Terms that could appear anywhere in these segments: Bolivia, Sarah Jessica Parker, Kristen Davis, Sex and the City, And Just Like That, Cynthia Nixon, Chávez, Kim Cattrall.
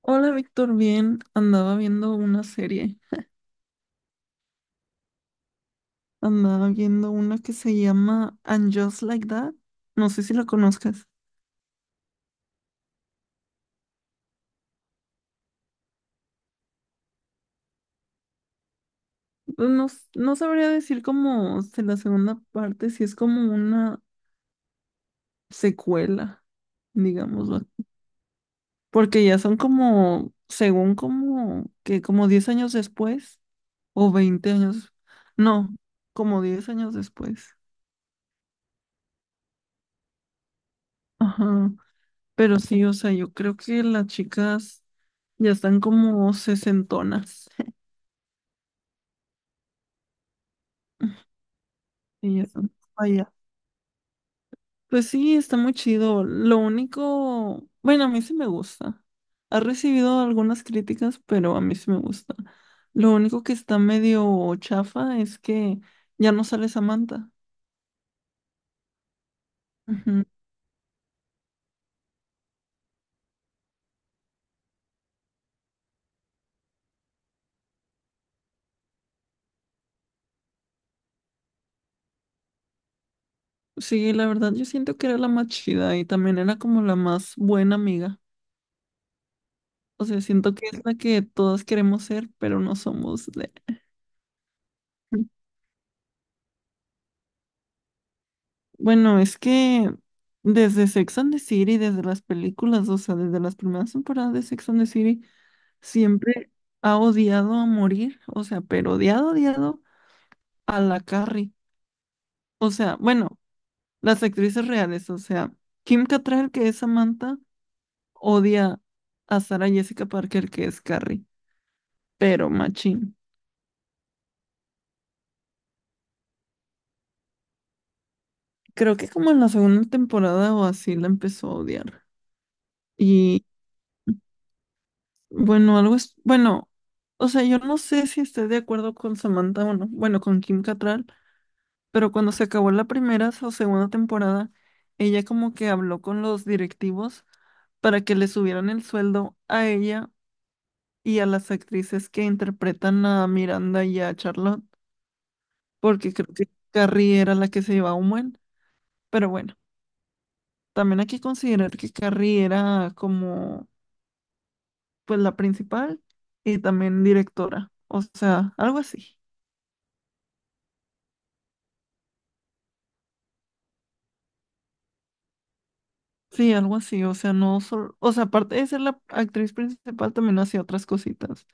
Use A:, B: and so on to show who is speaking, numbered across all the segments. A: Hola Víctor, bien, andaba viendo una serie, andaba viendo una que se llama And Just Like That, no sé si la conozcas. Pues no, no sabría decir como la segunda parte, si es como una secuela, digámoslo, porque ya son como, según como, que como 10 años después, o 20 años, no, como 10 años después. Ajá. Pero sí, o sea, yo creo que las chicas ya están como sesentonas. Y ya están allá. Pues sí, está muy chido. Lo único, bueno, a mí sí me gusta. Ha recibido algunas críticas, pero a mí sí me gusta. Lo único que está medio chafa es que ya no sale Samantha. Ujú. Sí, la verdad, yo siento que era la más chida y también era como la más buena amiga. O sea, siento que es la que todas queremos ser, pero no somos de. Bueno, es que desde Sex and the City, desde las películas, o sea, desde las primeras temporadas de Sex and the City, siempre ha odiado a morir, o sea, pero odiado, odiado a la Carrie. O sea, bueno, las actrices reales, o sea, Kim Cattrall, que es Samantha, odia a Sarah Jessica Parker, que es Carrie, pero machín. Creo que como en la segunda temporada o así la empezó a odiar. Bueno, algo es, bueno, o sea, yo no sé si estoy de acuerdo con Samantha o no, bueno, con Kim Cattrall, pero cuando se acabó la primera o segunda temporada, ella como que habló con los directivos para que le subieran el sueldo a ella y a las actrices que interpretan a Miranda y a Charlotte, porque creo que Carrie era la que se llevaba un buen, pero bueno, también hay que considerar que Carrie era como, pues, la principal y también directora, o sea, algo así. Sí, algo así, o sea, no solo, o sea, aparte de ser la actriz principal, también hacía otras cositas.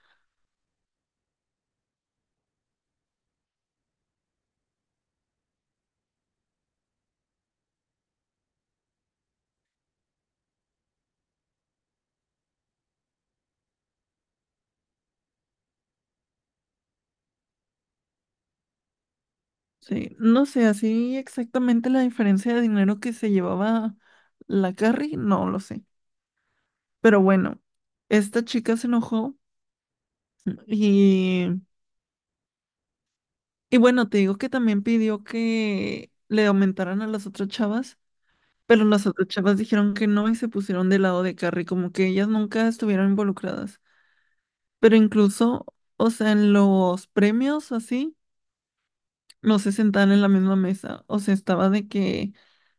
A: Sí, no sé, así exactamente la diferencia de dinero que se llevaba la Carrie, no lo sé. Pero bueno, esta chica se enojó y, y bueno, te digo que también pidió que le aumentaran a las otras chavas, pero las otras chavas dijeron que no y se pusieron del lado de Carrie, como que ellas nunca estuvieron involucradas. Pero incluso, o sea, en los premios o así, no se sentaban en la misma mesa. O sea, estaba de que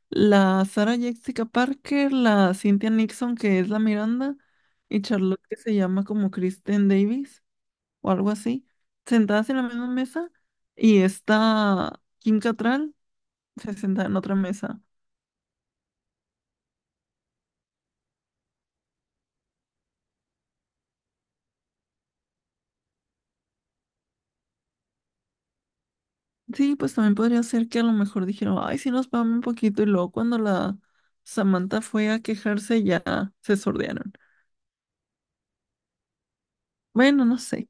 A: la Sarah Jessica Parker, la Cynthia Nixon, que es la Miranda, y Charlotte, que se llama como Kristen Davis o algo así, sentadas en la misma mesa, y esta Kim Cattrall se sentaba en otra mesa. Sí, pues también podría ser que a lo mejor dijeron, ay, sí nos pagamos un poquito, y luego cuando la Samantha fue a quejarse ya se sordearon. Bueno, no sé.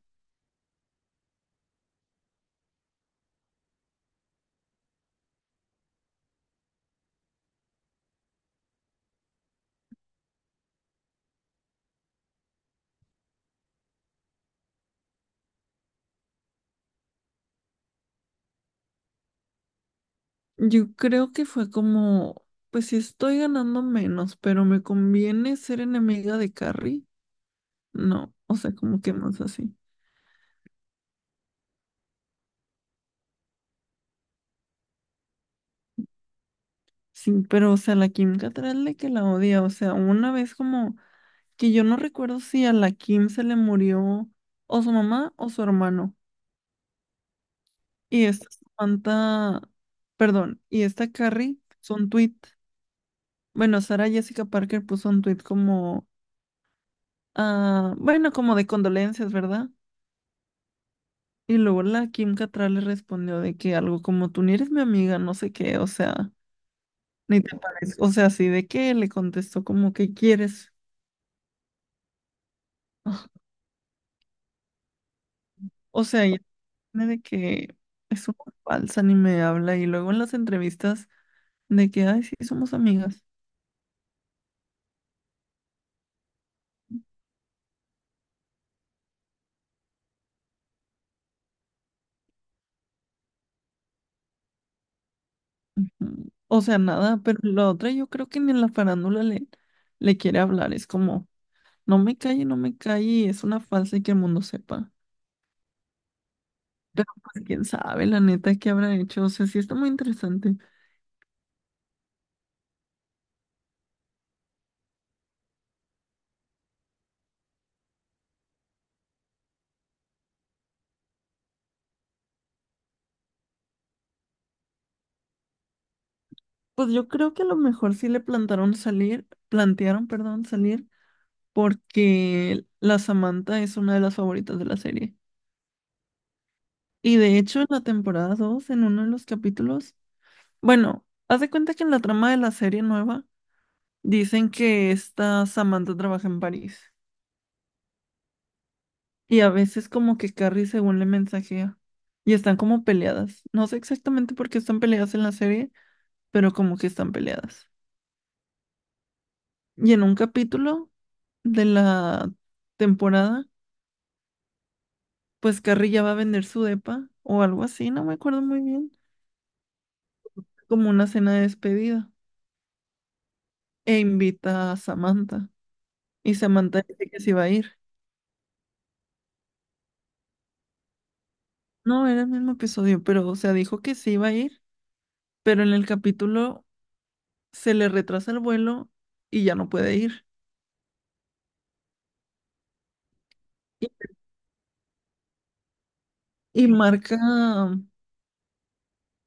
A: Yo creo que fue como, pues si estoy ganando menos, pero me conviene ser enemiga de Carrie. No, o sea, como que más así. Sí, pero o sea, la Kim Cattrall de que la odia, o sea, una vez como que yo no recuerdo si a la Kim se le murió o su mamá o su hermano. Y esta Samantha, perdón, y esta Carrie puso un tweet. Bueno, Sara Jessica Parker puso un tweet como, ah, bueno, como de condolencias, ¿verdad? Y luego la Kim Cattrall le respondió de que algo como tú ni eres mi amiga, no sé qué, o sea, ni te parezco, o sea, así de que le contestó como que quieres. Ah, o sea, ella tiene de que es una falsa ni me habla y luego en las entrevistas de que, ay, sí, somos amigas. O sea, nada, pero la otra yo creo que ni en la farándula le quiere hablar, es como, no me calle, no me calle, es una falsa y que el mundo sepa. Pero pues quién sabe, la neta, qué habrá hecho, o sea, sí está muy interesante. Pues yo creo que a lo mejor sí le plantaron salir, plantearon, perdón, salir, porque la Samantha es una de las favoritas de la serie. Y de hecho, en la temporada 2 en uno de los capítulos, bueno, haz de cuenta que en la trama de la serie nueva dicen que esta Samantha trabaja en París. Y a veces como que Carrie según le mensajea. Y están como peleadas. No sé exactamente por qué están peleadas en la serie, pero como que están peleadas. Y en un capítulo de la temporada pues Carrilla va a vender su depa o algo así, no me acuerdo muy bien, como una cena de despedida. E invita a Samantha. Y Samantha dice que sí va a ir. No, era el mismo episodio, pero o sea, dijo que sí iba a ir, pero en el capítulo se le retrasa el vuelo y ya no puede ir. Y, y marca,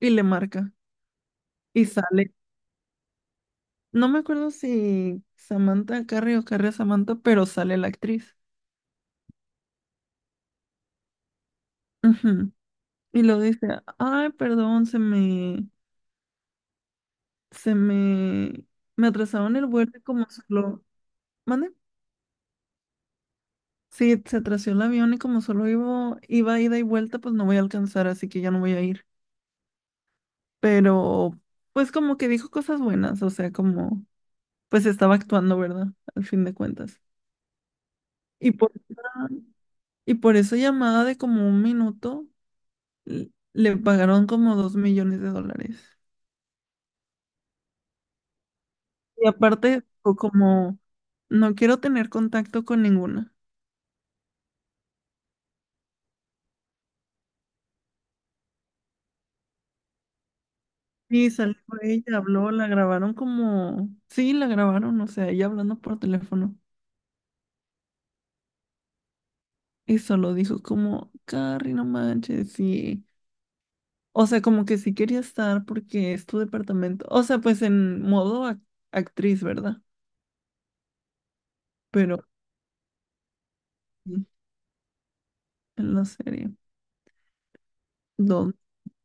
A: y le marca, y sale. No me acuerdo si Samantha Carrie o Carrie a Samantha, pero sale la actriz. Ujú. Y lo dice, ay, perdón, se me, me atrasaron el vuelo y como solo, ¿mande? Sí, se atrasó el avión y como solo iba ida y vuelta, pues no voy a alcanzar, así que ya no voy a ir. Pero, pues como que dijo cosas buenas, o sea, como, pues estaba actuando, ¿verdad? Al fin de cuentas. Y por, esa- y por esa llamada de como 1 minuto, le pagaron como 2 millones de dólares. Y aparte, o como, no quiero tener contacto con ninguna. Sí, salió ella, habló, la grabaron como, sí, la grabaron, o sea, ella hablando por teléfono. Y solo dijo como, Carrie, no manches, sí. O sea, como que sí quería estar porque es tu departamento. O sea, pues en modo actriz, ¿verdad? Pero sí, en la serie. Dos,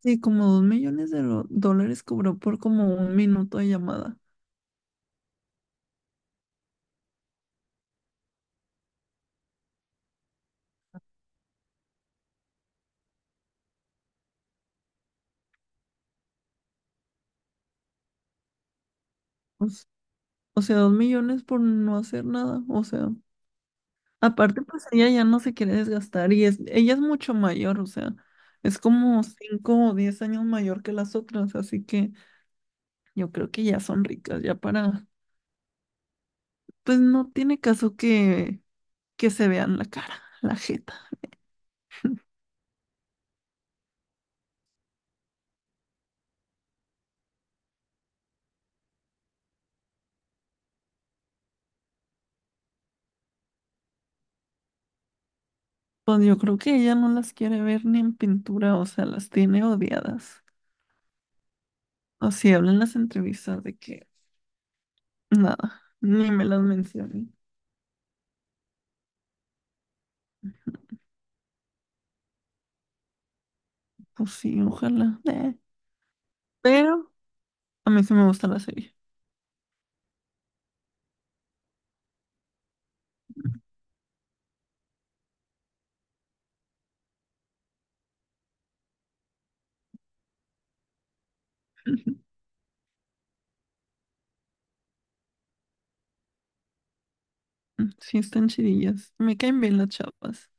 A: sí, como 2 millones de dólares cobró por como 1 minuto de llamada. O s- o sea, 2 millones por no hacer nada. O sea. Aparte, pues ella ya no se quiere desgastar y ella es mucho mayor, o sea, es como 5 o 10 años mayor que las otras, así que yo creo que ya son ricas, ya para, pues no tiene caso que se vean la cara, la jeta. Pues yo creo que ella no las quiere ver ni en pintura, o sea, las tiene odiadas. Así hablan las entrevistas de que nada, ni me las mencioné. Pues sí, ojalá. Pero a mí sí me gusta la serie. Mm, sí, están chidillas. Me caen bien las chavas.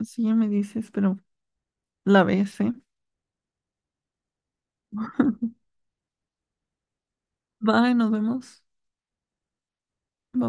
A: Sí, ya me dices, pero la ves, ¿eh? Bye, nos vemos. Bye.